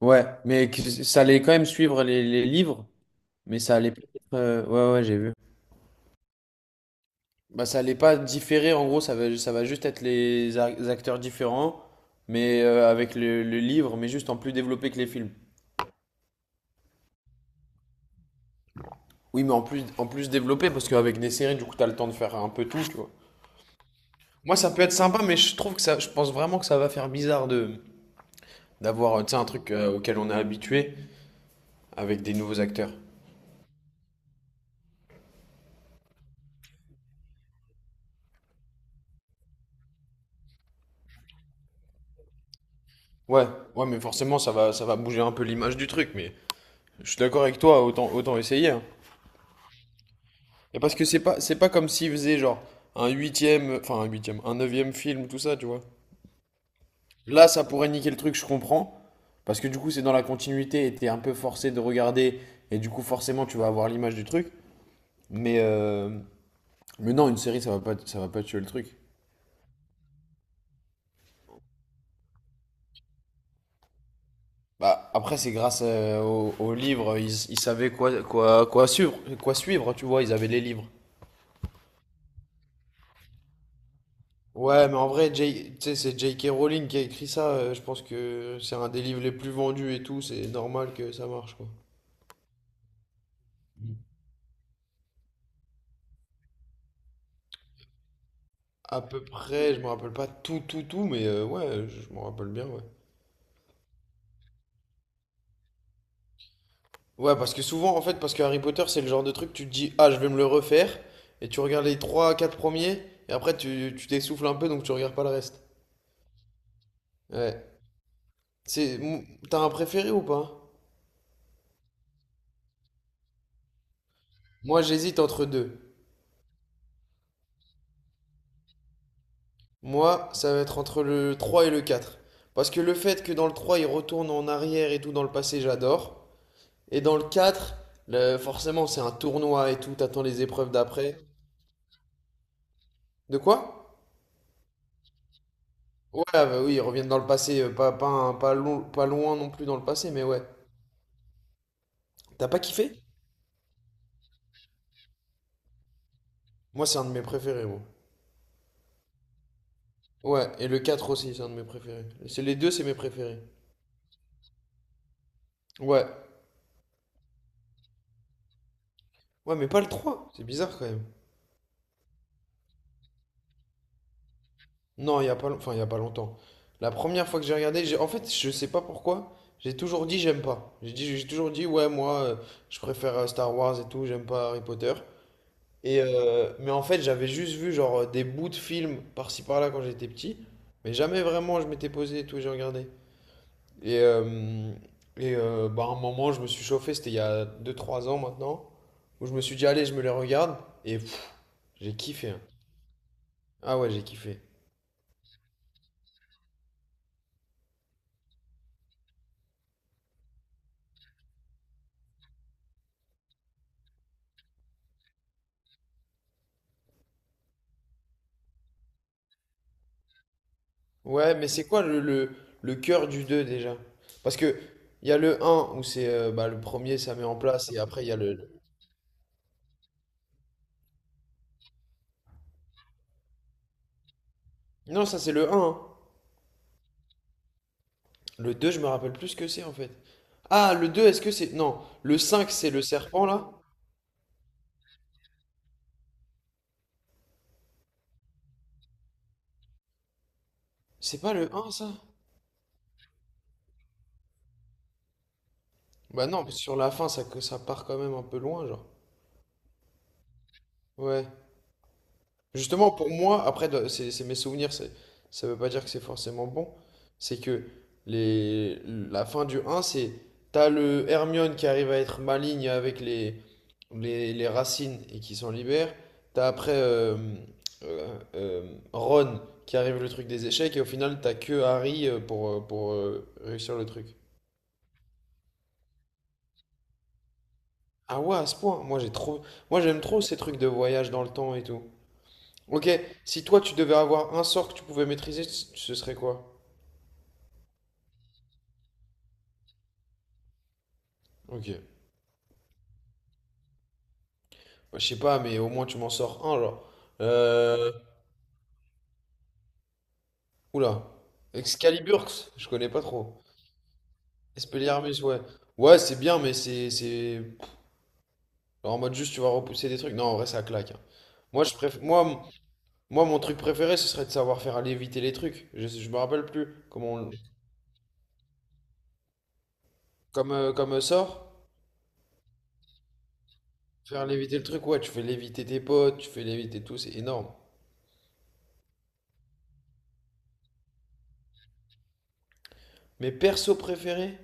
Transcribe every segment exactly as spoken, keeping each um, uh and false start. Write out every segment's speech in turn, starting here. Ouais, mais que- ça allait quand même suivre les, les livres, mais ça allait pas être, euh, ouais, ouais, j'ai vu. Bah, ça allait pas différer, en gros, ça va, ça va juste être les a- acteurs différents, mais euh, avec le, le livre, mais juste en plus développé que les films. Oui, mais en plus, en plus développé, parce qu'avec des séries, du coup, t'as le temps de faire un peu tout, tu vois. Moi, ça peut être sympa, mais je trouve que ça, je pense vraiment que ça va faire bizarre de d'avoir, euh, tu sais, un truc euh, auquel on est habitué avec des nouveaux acteurs. Ouais, ouais, mais forcément, ça va, ça va bouger un peu l'image du truc, mais. Je suis d'accord avec toi, autant, autant essayer, hein. Et parce que c'est pas, c'est pas comme s'ils faisaient genre un huitième, enfin un huitième, un neuvième film, tout ça, tu vois. Là, ça pourrait niquer le truc, je comprends. Parce que du coup, c'est dans la continuité et t'es un peu forcé de regarder. Et du coup, forcément, tu vas avoir l'image du truc. Mais, euh, mais non, une série, ça va pas, ça va pas tuer le truc. Bah, après, c'est grâce euh, au, au livre, ils, ils savaient quoi, quoi, quoi suivre, quoi suivre, tu vois, ils avaient les livres. Ouais, mais en vrai, J- tu sais, c'est J K. Rowling qui a écrit ça. euh, Je pense que c'est un des livres les plus vendus et tout. C'est normal que ça marche, quoi. À peu près, je me rappelle pas tout, tout, tout, mais euh, ouais, je je m'en rappelle bien, ouais. Ouais, parce que souvent, en fait, parce que Harry Potter, c'est le genre de truc, tu te dis, ah, je vais me le refaire, et tu regardes les trois quatre premiers, et après, tu tu t'essouffles un peu, donc tu regardes pas le reste. Ouais. C'est, mou- T'as un préféré ou pas? Moi, j'hésite entre deux. Moi, ça va être entre le trois et le quatre, parce que le fait que dans le trois il retourne en arrière et tout dans le passé, j'adore. Et dans le quatre, le- forcément, c'est un tournoi et tout, t'attends les épreuves d'après. De quoi? Ouais, ah bah oui, ils reviennent dans le passé, euh, pas, pas, un- pas, long- pas loin non plus dans le passé, mais ouais. T'as pas kiffé? Moi, c'est un de mes préférés, moi. Ouais, et le quatre aussi, c'est un de mes préférés. C'est les deux, c'est mes préférés. Ouais. Ouais, mais pas le trois. C'est bizarre quand même. Non, il y a pas, long- Enfin, il y a pas longtemps. La première fois que j'ai regardé, j'ai, en fait, je sais pas pourquoi, j'ai toujours dit j'aime pas. J'ai dit, j'ai toujours dit ouais, moi, euh, je préfère euh, Star Wars et tout, j'aime pas Harry Potter. Et euh, mais en fait, j'avais juste vu genre euh, des bouts de films par-ci par-là quand j'étais petit, mais jamais vraiment je m'étais posé et tout, j'ai regardé. Et euh, et euh, bah à un moment, je me suis chauffé, c'était il y a deux trois ans maintenant, où je me suis dit allez, je me les regarde et pff, j'ai kiffé, hein. Ah ouais, j'ai kiffé. Ouais, mais c'est quoi le, le, le cœur du deux déjà? Parce que il y a le un où c'est euh, bah, le premier ça met en place et après il y a le... Non, ça c'est le un, hein. Le deux je me rappelle plus ce que c'est en fait. Ah, le deux est-ce que c'est... Non, le cinq c'est le serpent là? C'est pas le un ça? Bah non, parce que sur la fin ça, ça part quand même un peu loin genre. Ouais. Justement, pour moi, après, de- c'est c'est mes souvenirs, c'est- ça veut pas dire que c'est forcément bon. C'est que les, la fin du un c'est t'as le Hermione qui arrive à être maligne avec les, les, les racines et qui s'en libère. T'as après euh, euh, euh, Ron qui arrive le truc des échecs et au final, t'as que Harry euh, pour, euh, pour euh, réussir le truc. Ah ouais, à ce point, moi j'ai trop, moi j'aime trop ces trucs de voyage dans le temps et tout. Ok, si toi tu devais avoir un sort que tu pouvais maîtriser, ce ce serait quoi? Ok. Je sais pas, mais au moins tu m'en sors un, genre. Euh... Oula. Excaliburx, je connais pas trop. Expelliarmus, ouais. Ouais, c'est bien, mais c'est... c'est... genre en mode juste, tu vas repousser des trucs. Non, en vrai, ça claque, hein. Moi, je préf... moi, m- Moi, mon truc préféré, ce serait de savoir faire léviter les trucs. Je, je me rappelle plus. Comment on- comme, euh, comme euh, sort, faire léviter le truc, ouais, tu fais léviter tes potes, tu fais léviter tout, c'est énorme. Mes persos préférés,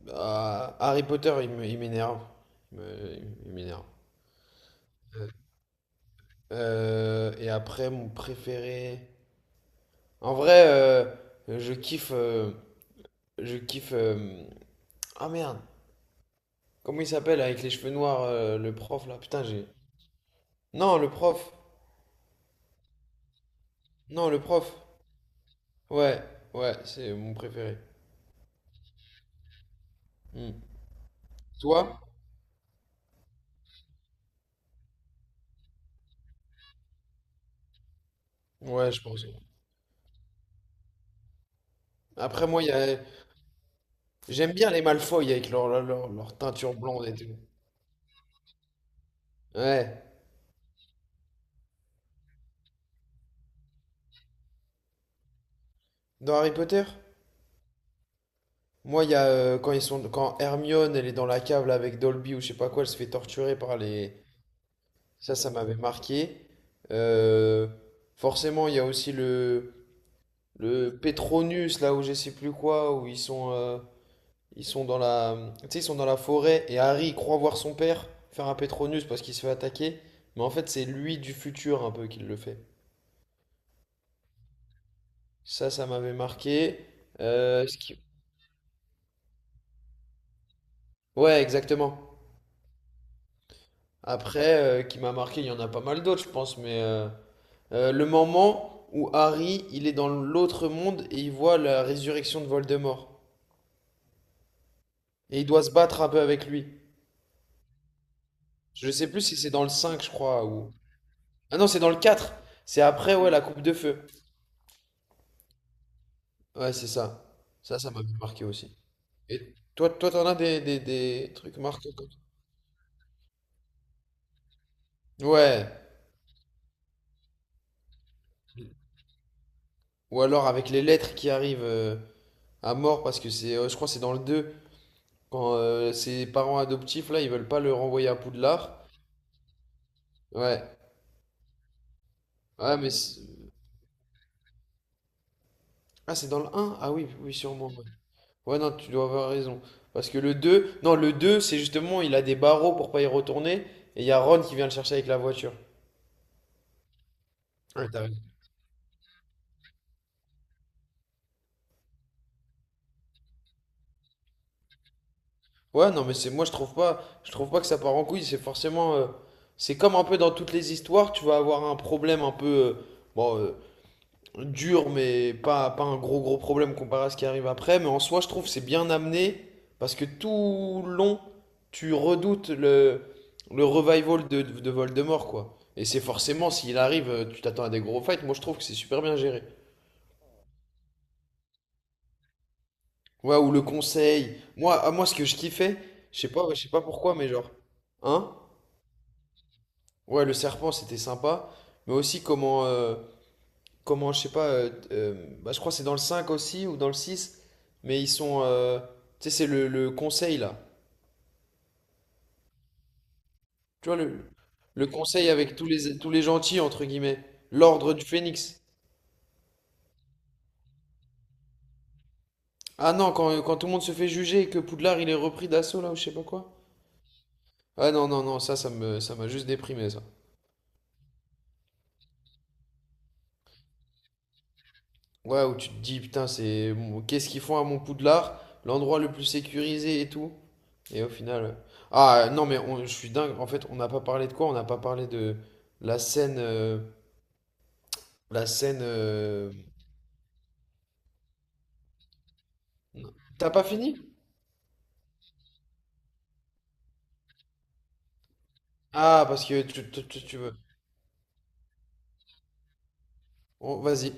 bah, Harry Potter, il me- il m'énerve. Il me- il m'énerve. Euh, Euh, et après, mon préféré. En vrai, euh, je kiffe. Euh, je kiffe. Euh, Ah merde! Comment il s'appelle avec les cheveux noirs, euh, le prof là? Putain, j'ai. Non, le prof! Non, le prof! Ouais, ouais, c'est mon préféré. Hmm. Toi? Ouais, je pense. Après, moi, il y a... j'aime bien les Malfoy avec leur, leur, leur- leur teinture blonde et tout. Ouais. Dans Harry Potter? Moi, il y a euh, quand ils sont quand Hermione elle est dans la cave là, avec Dolby ou je sais pas quoi, elle se fait torturer par les ça, ça m'avait marqué. Euh, forcément, il y a aussi le, le Petronus, là où je sais plus quoi, où ils sont, euh, ils sont dans la, tu sais, ils sont dans la forêt et Harry il croit voir son père faire un Petronus parce qu'il se fait attaquer. Mais en fait, c'est lui du futur un peu qui le fait. Ça, ça m'avait marqué. Euh, ce qui- Ouais, exactement. Après, euh, qui m'a marqué, il y en a pas mal d'autres, je pense, mais euh, euh, le moment où Harry, il est dans l'autre monde et il voit la résurrection de Voldemort. Et il doit se battre un peu avec lui. Je sais plus si c'est dans le cinq, je crois, ou... Ah non, c'est dans le quatre. C'est après, ouais, la coupe de feu. Ouais, c'est ça. Ça, ça m'a marqué aussi. Et toi, toi, t'en as des, des, des trucs marquants comme ça. Ouais. Ou alors avec les lettres qui arrivent euh, à mort, parce que c'est, euh, je crois que c'est dans le deux quand euh, ses parents adoptifs, là, ils veulent pas le renvoyer à Poudlard. Ouais. Ouais, mais... c'est- Ah, c'est dans le un. Ah oui, oui, sûrement, ouais. Ouais, non, tu dois avoir raison. Parce que le deux non, le deux c'est justement, il a des barreaux pour pas y retourner. Et il y a Ron qui vient le chercher avec la voiture. Ouais, t'as raison. Ouais, non, mais c'est moi, je trouve pas, je trouve pas que ça part en couille. C'est forcément, euh, c'est comme un peu dans toutes les histoires, tu vas avoir un problème un peu, euh, bon, euh, dur, mais pas, pas un gros gros problème comparé à ce qui arrive après. Mais en soi, je trouve que c'est bien amené parce que tout le long, tu redoutes le, le revival de, de Voldemort, quoi. Et c'est forcément, s'il arrive, euh, tu t'attends à des gros fights. Moi, je trouve que c'est super bien géré. Ouais, ou le conseil. Moi, à moi, ce que je kiffais, je sais pas, ouais, je sais pas pourquoi, mais genre, hein? Ouais, le serpent, c'était sympa. Mais aussi comment, euh, comment, je sais pas, euh, euh, bah, je crois que c'est dans le cinq aussi ou dans le six, mais ils sont. Euh, tu sais, c'est le, le conseil là. Tu vois, le, le conseil avec tous les, tous les gentils, entre guillemets. L'ordre du phénix. Ah non, quand, quand tout le monde se fait juger et que Poudlard il est repris d'assaut là ou je sais pas quoi. Ah non, non, non, ça, ça me, ça m'a juste déprimé ça. Ouais, où tu te dis, putain, c'est qu'est-ce qu'ils font à mon Poudlard? L'endroit le plus sécurisé et tout. Et au final. euh, Ah non, mais on- je suis dingue. En fait, on n'a pas parlé de quoi? On n'a pas parlé de la scène. euh, La scène. euh, T'as pas fini? Ah, parce que tu, tu, tu- tu veux. Oh, vas-y.